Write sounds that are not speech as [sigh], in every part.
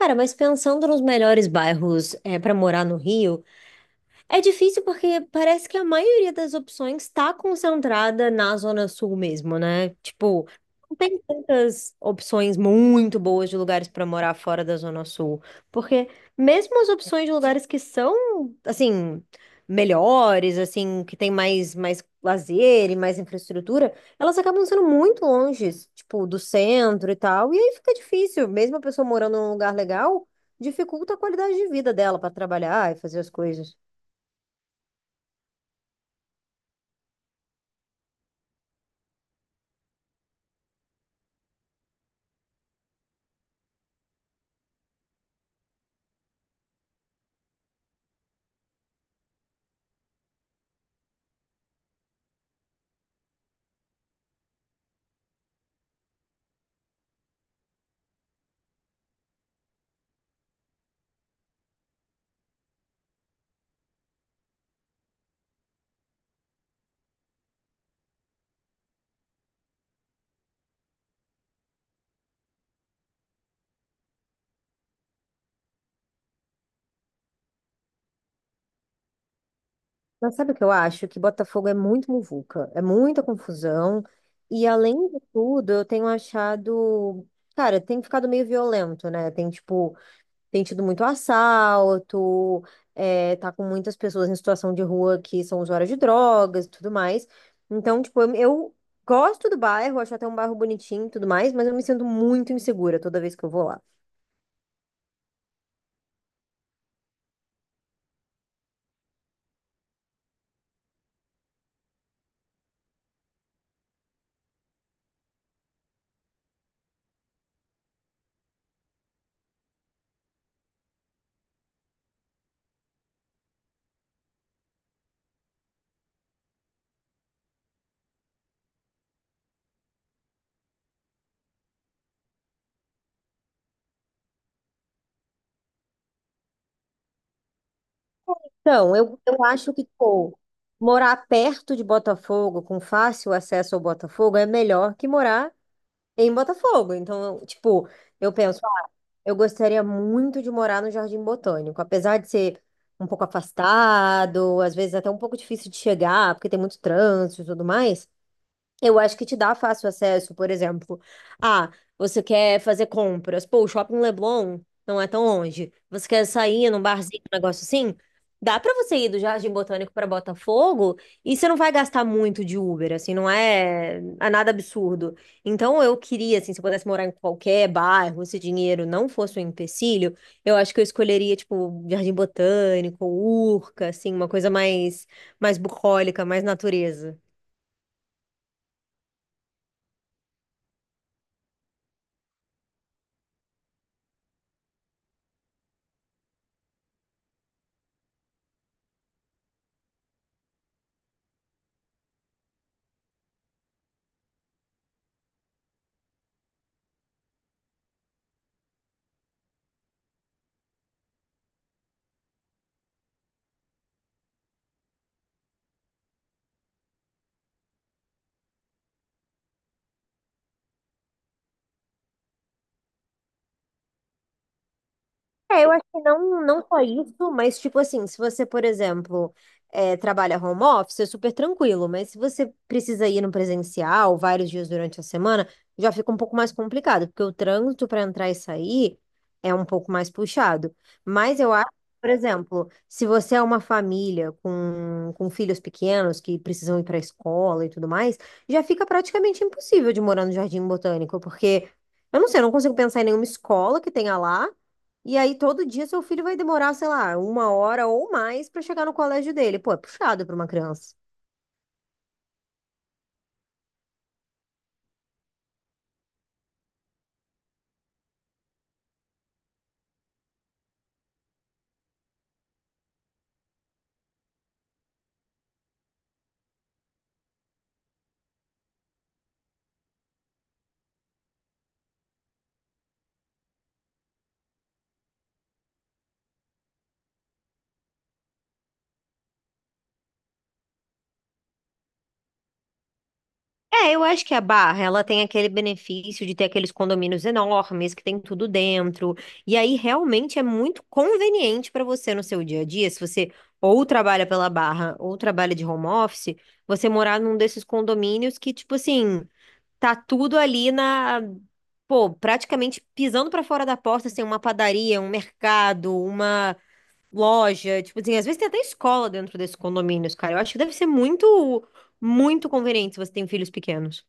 Cara, mas pensando nos melhores bairros para morar no Rio, é difícil porque parece que a maioria das opções está concentrada na Zona Sul mesmo, né? Tipo, não tem tantas opções muito boas de lugares para morar fora da Zona Sul. Porque mesmo as opções de lugares que são, assim, melhores, assim, que tem mais lazer e mais infraestrutura, elas acabam sendo muito longe, tipo, do centro e tal. E aí fica difícil, mesmo a pessoa morando num lugar legal, dificulta a qualidade de vida dela para trabalhar e fazer as coisas. Mas sabe o que eu acho? Que Botafogo é muito muvuca, é muita confusão. E além de tudo, eu tenho achado. Cara, tem ficado meio violento, né? Tem, tipo, tem tido muito assalto, tá com muitas pessoas em situação de rua que são usuárias de drogas e tudo mais. Então, tipo, eu gosto do bairro, acho até um bairro bonitinho e tudo mais, mas eu me sinto muito insegura toda vez que eu vou lá. Então, eu acho que, pô, morar perto de Botafogo, com fácil acesso ao Botafogo, é melhor que morar em Botafogo. Então, eu, tipo, eu penso, ah, eu gostaria muito de morar no Jardim Botânico, apesar de ser um pouco afastado, às vezes até um pouco difícil de chegar, porque tem muito trânsito e tudo mais. Eu acho que te dá fácil acesso, por exemplo. Ah, você quer fazer compras. Pô, o Shopping Leblon não é tão longe. Você quer sair num barzinho, um negócio assim? Dá pra você ir do Jardim Botânico pra Botafogo e você não vai gastar muito de Uber, assim, não é, é nada absurdo. Então eu queria, assim, se eu pudesse morar em qualquer bairro, se dinheiro não fosse um empecilho, eu acho que eu escolheria, tipo, Jardim Botânico, Urca, assim, uma coisa mais, mais bucólica, mais natureza. É, eu acho que não, não só isso, mas tipo assim, se você, por exemplo, trabalha home office, é super tranquilo, mas se você precisa ir no presencial vários dias durante a semana, já fica um pouco mais complicado, porque o trânsito para entrar e sair é um pouco mais puxado. Mas eu acho, por exemplo, se você é uma família com filhos pequenos que precisam ir para a escola e tudo mais, já fica praticamente impossível de morar no Jardim Botânico, porque eu não sei, eu não consigo pensar em nenhuma escola que tenha lá. E aí, todo dia, seu filho vai demorar, sei lá, uma hora ou mais pra chegar no colégio dele. Pô, é puxado pra uma criança. É, eu acho que a Barra, ela tem aquele benefício de ter aqueles condomínios enormes que tem tudo dentro. E aí realmente é muito conveniente para você no seu dia a dia, se você ou trabalha pela Barra ou trabalha de home office, você morar num desses condomínios que tipo assim, tá tudo ali na, pô, praticamente pisando para fora da porta, assim, uma padaria, um mercado, uma loja, tipo assim, às vezes tem até escola dentro desses condomínios, cara. Eu acho que deve ser muito, muito conveniente se você tem filhos pequenos.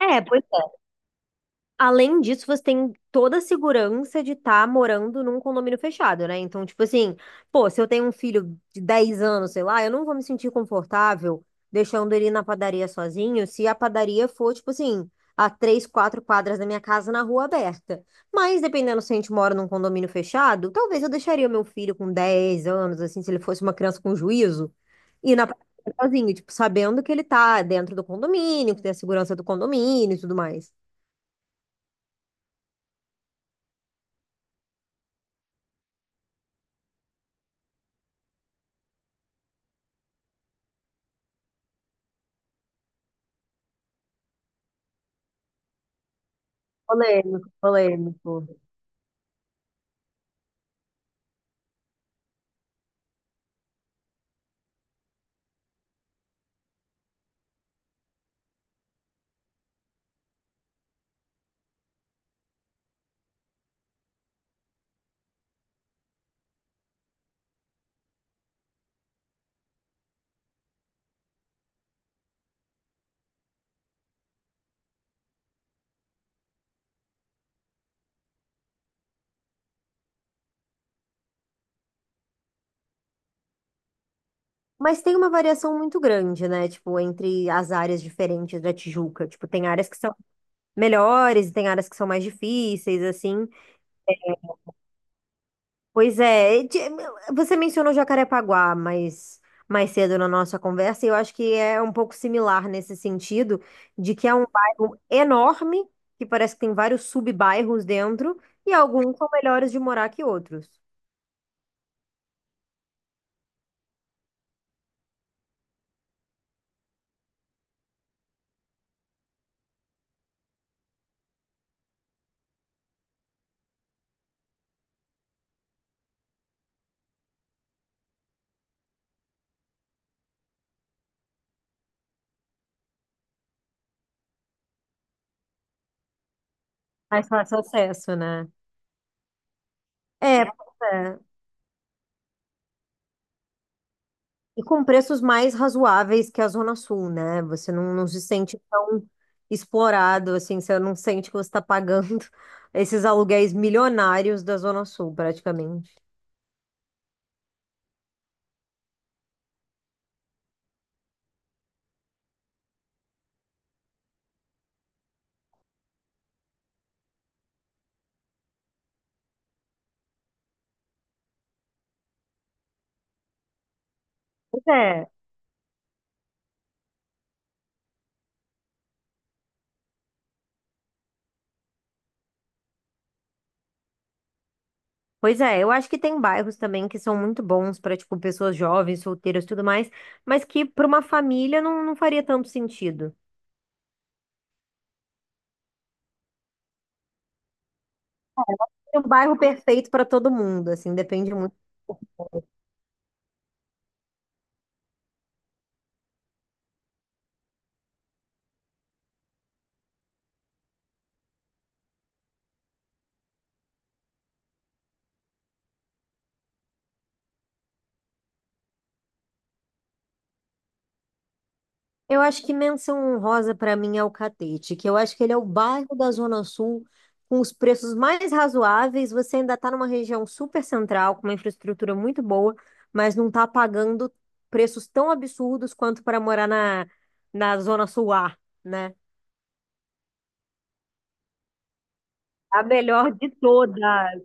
É, pois além disso, você tem toda a segurança de estar morando num condomínio fechado, né? Então, tipo assim, pô, se eu tenho um filho de 10 anos, sei lá, eu não vou me sentir confortável deixando ele na padaria sozinho se a padaria for, tipo assim, a 3, 4 quadras da minha casa na rua aberta. Mas, dependendo se a gente mora num condomínio fechado, talvez eu deixaria o meu filho com 10 anos, assim, se ele fosse uma criança com juízo, ir na padaria sozinho, tipo, sabendo que ele tá dentro do condomínio, que tem a segurança do condomínio e tudo mais. Polêmico, polêmico. Mas tem uma variação muito grande, né? Tipo, entre as áreas diferentes da Tijuca. Tipo, tem áreas que são melhores e tem áreas que são mais difíceis, assim. Pois é, você mencionou Jacarepaguá mais cedo na nossa conversa, e eu acho que é um pouco similar nesse sentido, de que é um bairro enorme, que parece que tem vários sub-bairros dentro, e alguns são melhores de morar que outros. Mais fácil acesso, né? É, pois é. E com preços mais razoáveis que a Zona Sul, né? Você não se sente tão explorado, assim, você não sente que você está pagando [laughs] esses aluguéis milionários da Zona Sul, praticamente. Pois é, pois é, eu acho que tem bairros também que são muito bons para, tipo, pessoas jovens, solteiras e tudo mais, mas que para uma família não faria tanto sentido. É um bairro perfeito para todo mundo, assim, depende muito. Eu acho que menção honrosa para mim é o Catete, que eu acho que ele é o bairro da Zona Sul com os preços mais razoáveis. Você ainda está numa região super central, com uma infraestrutura muito boa, mas não está pagando preços tão absurdos quanto para morar na, na Zona Sul A, né? A melhor de todas.